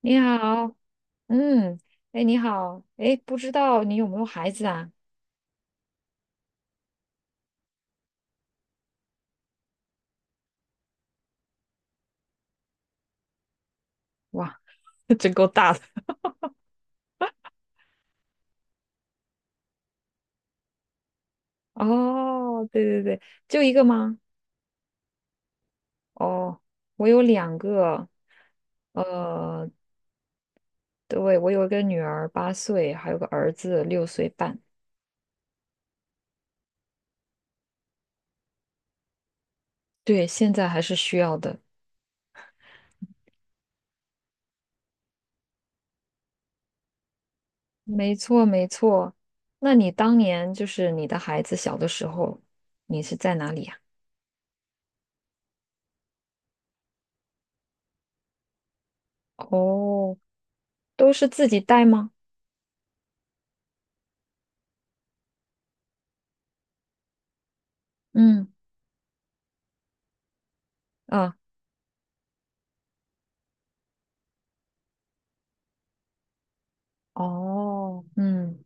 你好，嗯，哎，你好，哎，不知道你有没有孩子啊？哇，真够大的。哦，对对对，就一个吗？哦，我有两个，呃，对，我有一个女儿8岁，还有个儿子6岁半。对，现在还是需要的。没错，没错。那你当年就是你的孩子小的时候，你是在哪里呀？哦，都是自己带吗？嗯，啊，哦，嗯。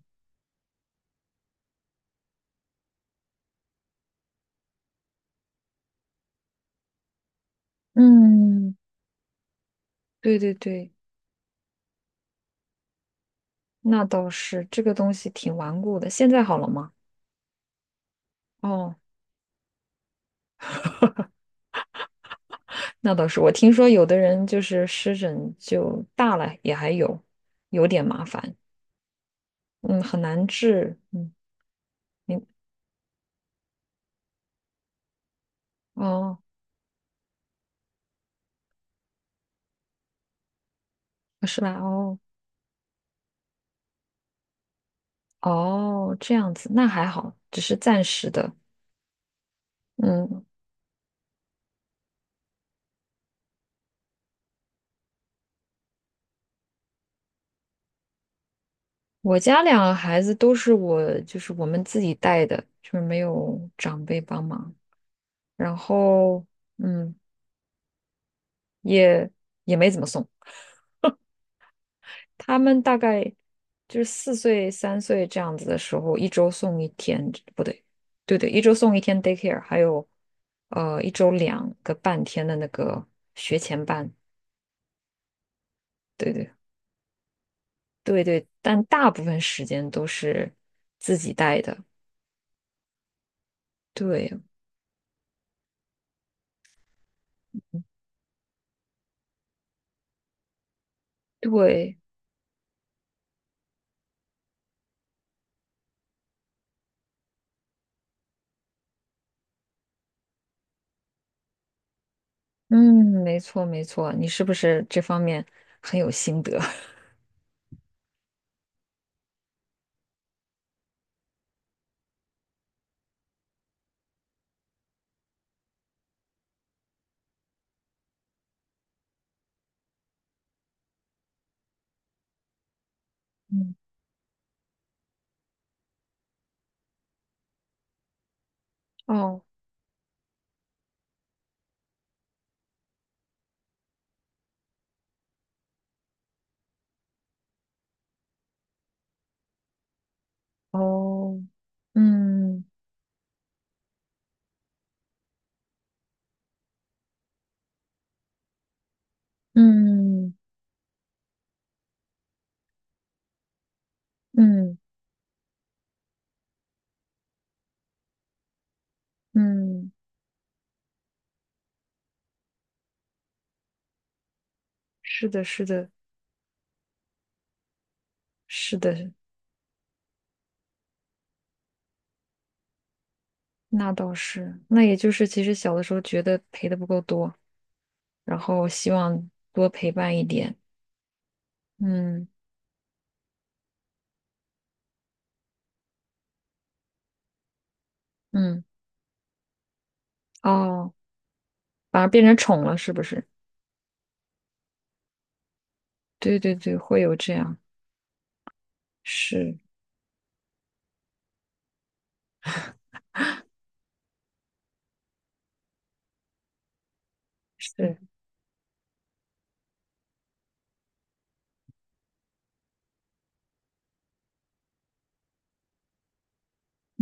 嗯，对对对，那倒是，这个东西挺顽固的。现在好了吗？哦，那倒是。我听说有的人就是湿疹就大了也还有，有点麻烦，嗯，很难治。嗯，你哦，是吧？哦哦，这样子，那还好，只是暂时的。嗯，我家两个孩子都是我，就是我们自己带的，就是没有长辈帮忙，然后嗯，也也没怎么送。他们大概就是4岁、3岁这样子的时候，一周送一天，不对，对对，一周送一天 daycare，还有一周两个半天的那个学前班，对对对对，但大部分时间都是自己带的，对对，嗯，没错没错，你是不是这方面很有心得？嗯，哦哦，嗯嗯嗯嗯，是的，是的。是的，那倒是。那也就是，其实小的时候觉得陪的不够多，然后希望多陪伴一点。嗯嗯，哦，反而变成宠了，是不是？对对对，会有这样。是是，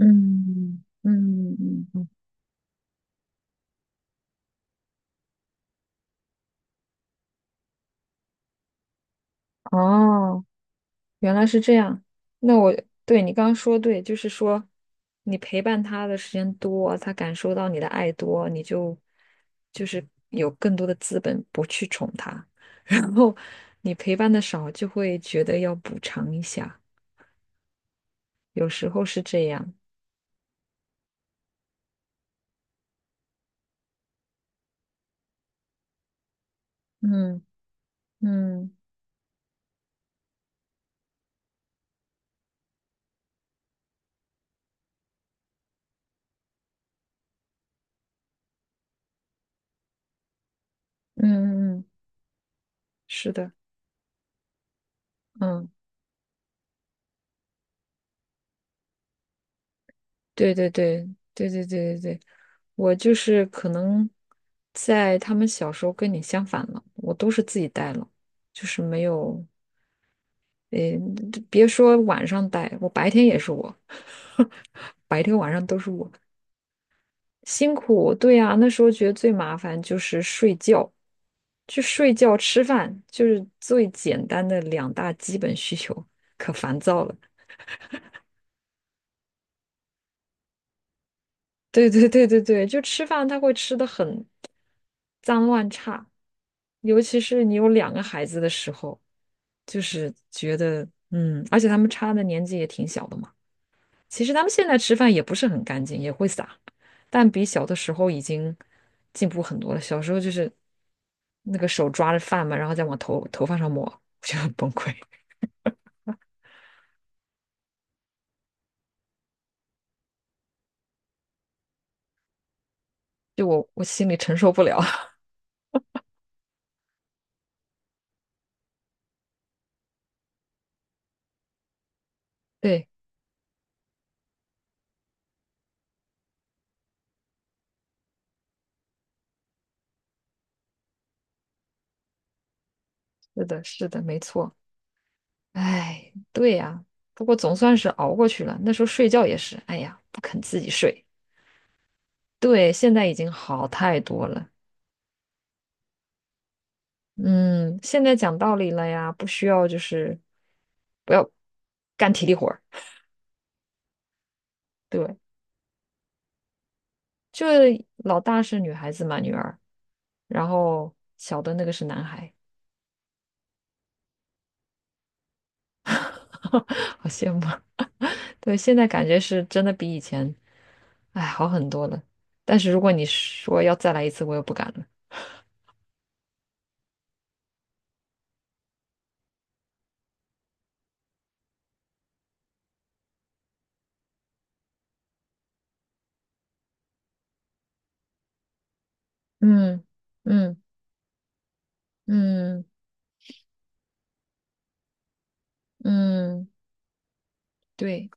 嗯嗯嗯嗯，嗯哦。原来是这样。那我对你刚刚说对，就是说你陪伴他的时间多，他感受到你的爱多，你就就是有更多的资本不去宠他。然后你陪伴的少，就会觉得要补偿一下，有时候是这样。嗯嗯嗯嗯，嗯，是的，嗯。对对对对对对对对，我就是可能在他们小时候跟你相反了，我都是自己带了，就是没有，诶，别说晚上带，我白天也是我，白天晚上都是我，辛苦。对呀，那时候觉得最麻烦就是睡觉，就睡觉吃饭，就是最简单的两大基本需求，可烦躁了。对对对对对，就吃饭他会吃的很脏乱差，尤其是你有两个孩子的时候，就是觉得嗯，而且他们差的年纪也挺小的嘛。其实他们现在吃饭也不是很干净，也会撒，但比小的时候已经进步很多了。小时候就是那个手抓着饭嘛，然后再往头发上抹，我觉得很崩溃，就我心里承受不了。对，是的，是的，没错。哎，对呀，不过总算是熬过去了。那时候睡觉也是，哎呀，不肯自己睡。对，现在已经好太多了。嗯，现在讲道理了呀，不需要就是不要干体力活儿。对，就老大是女孩子嘛，女儿，然后小的那个是男孩，好羡慕。对，现在感觉是真的比以前，哎，好很多了。但是如果你说要再来一次，我又不敢了。嗯嗯嗯。嗯，对，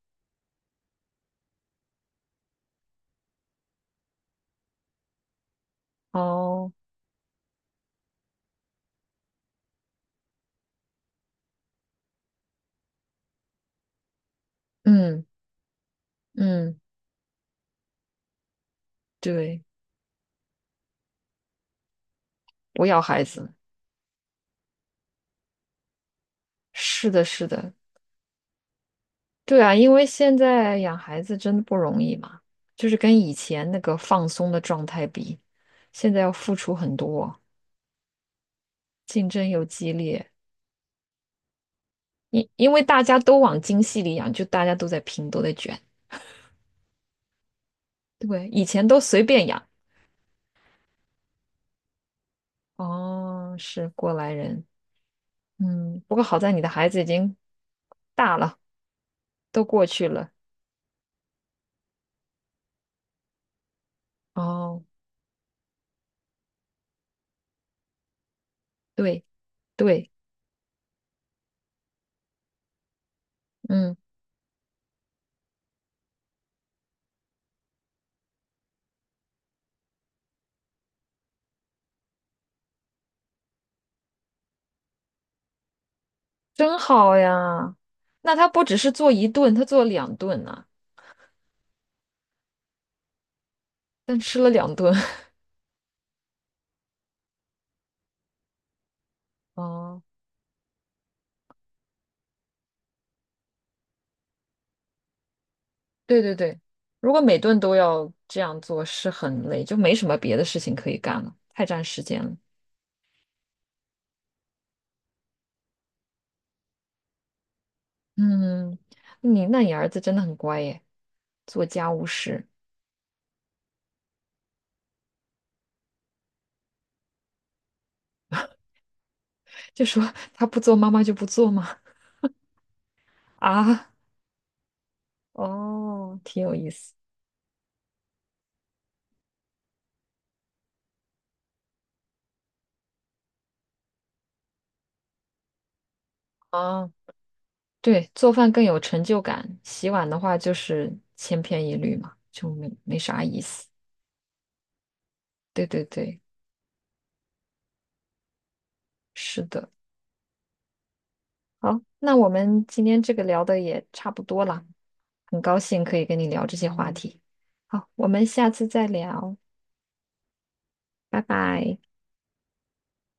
哦，嗯嗯，对，我要孩子，是的，是的，对啊，因为现在养孩子真的不容易嘛，就是跟以前那个放松的状态比，现在要付出很多，竞争又激烈，因为大家都往精细里养，就大家都在拼，都在卷，对，以前都随便养，哦，是过来人，嗯，不过好在你的孩子已经大了，都过去了，哦，对对。嗯，真好呀。那他不只是做一顿，他做两顿呢、但吃了两顿。哦，对对对，如果每顿都要这样做，是很累，就没什么别的事情可以干了，太占时间了。嗯，你那你儿子真的很乖耶，做家务事，就说他不做，妈妈就不做吗？啊，哦，挺有意思啊。对，做饭更有成就感，洗碗的话就是千篇一律嘛，就没啥意思。对对对，是的。好，那我们今天这个聊的也差不多了，很高兴可以跟你聊这些话题。好，我们下次再聊，拜拜。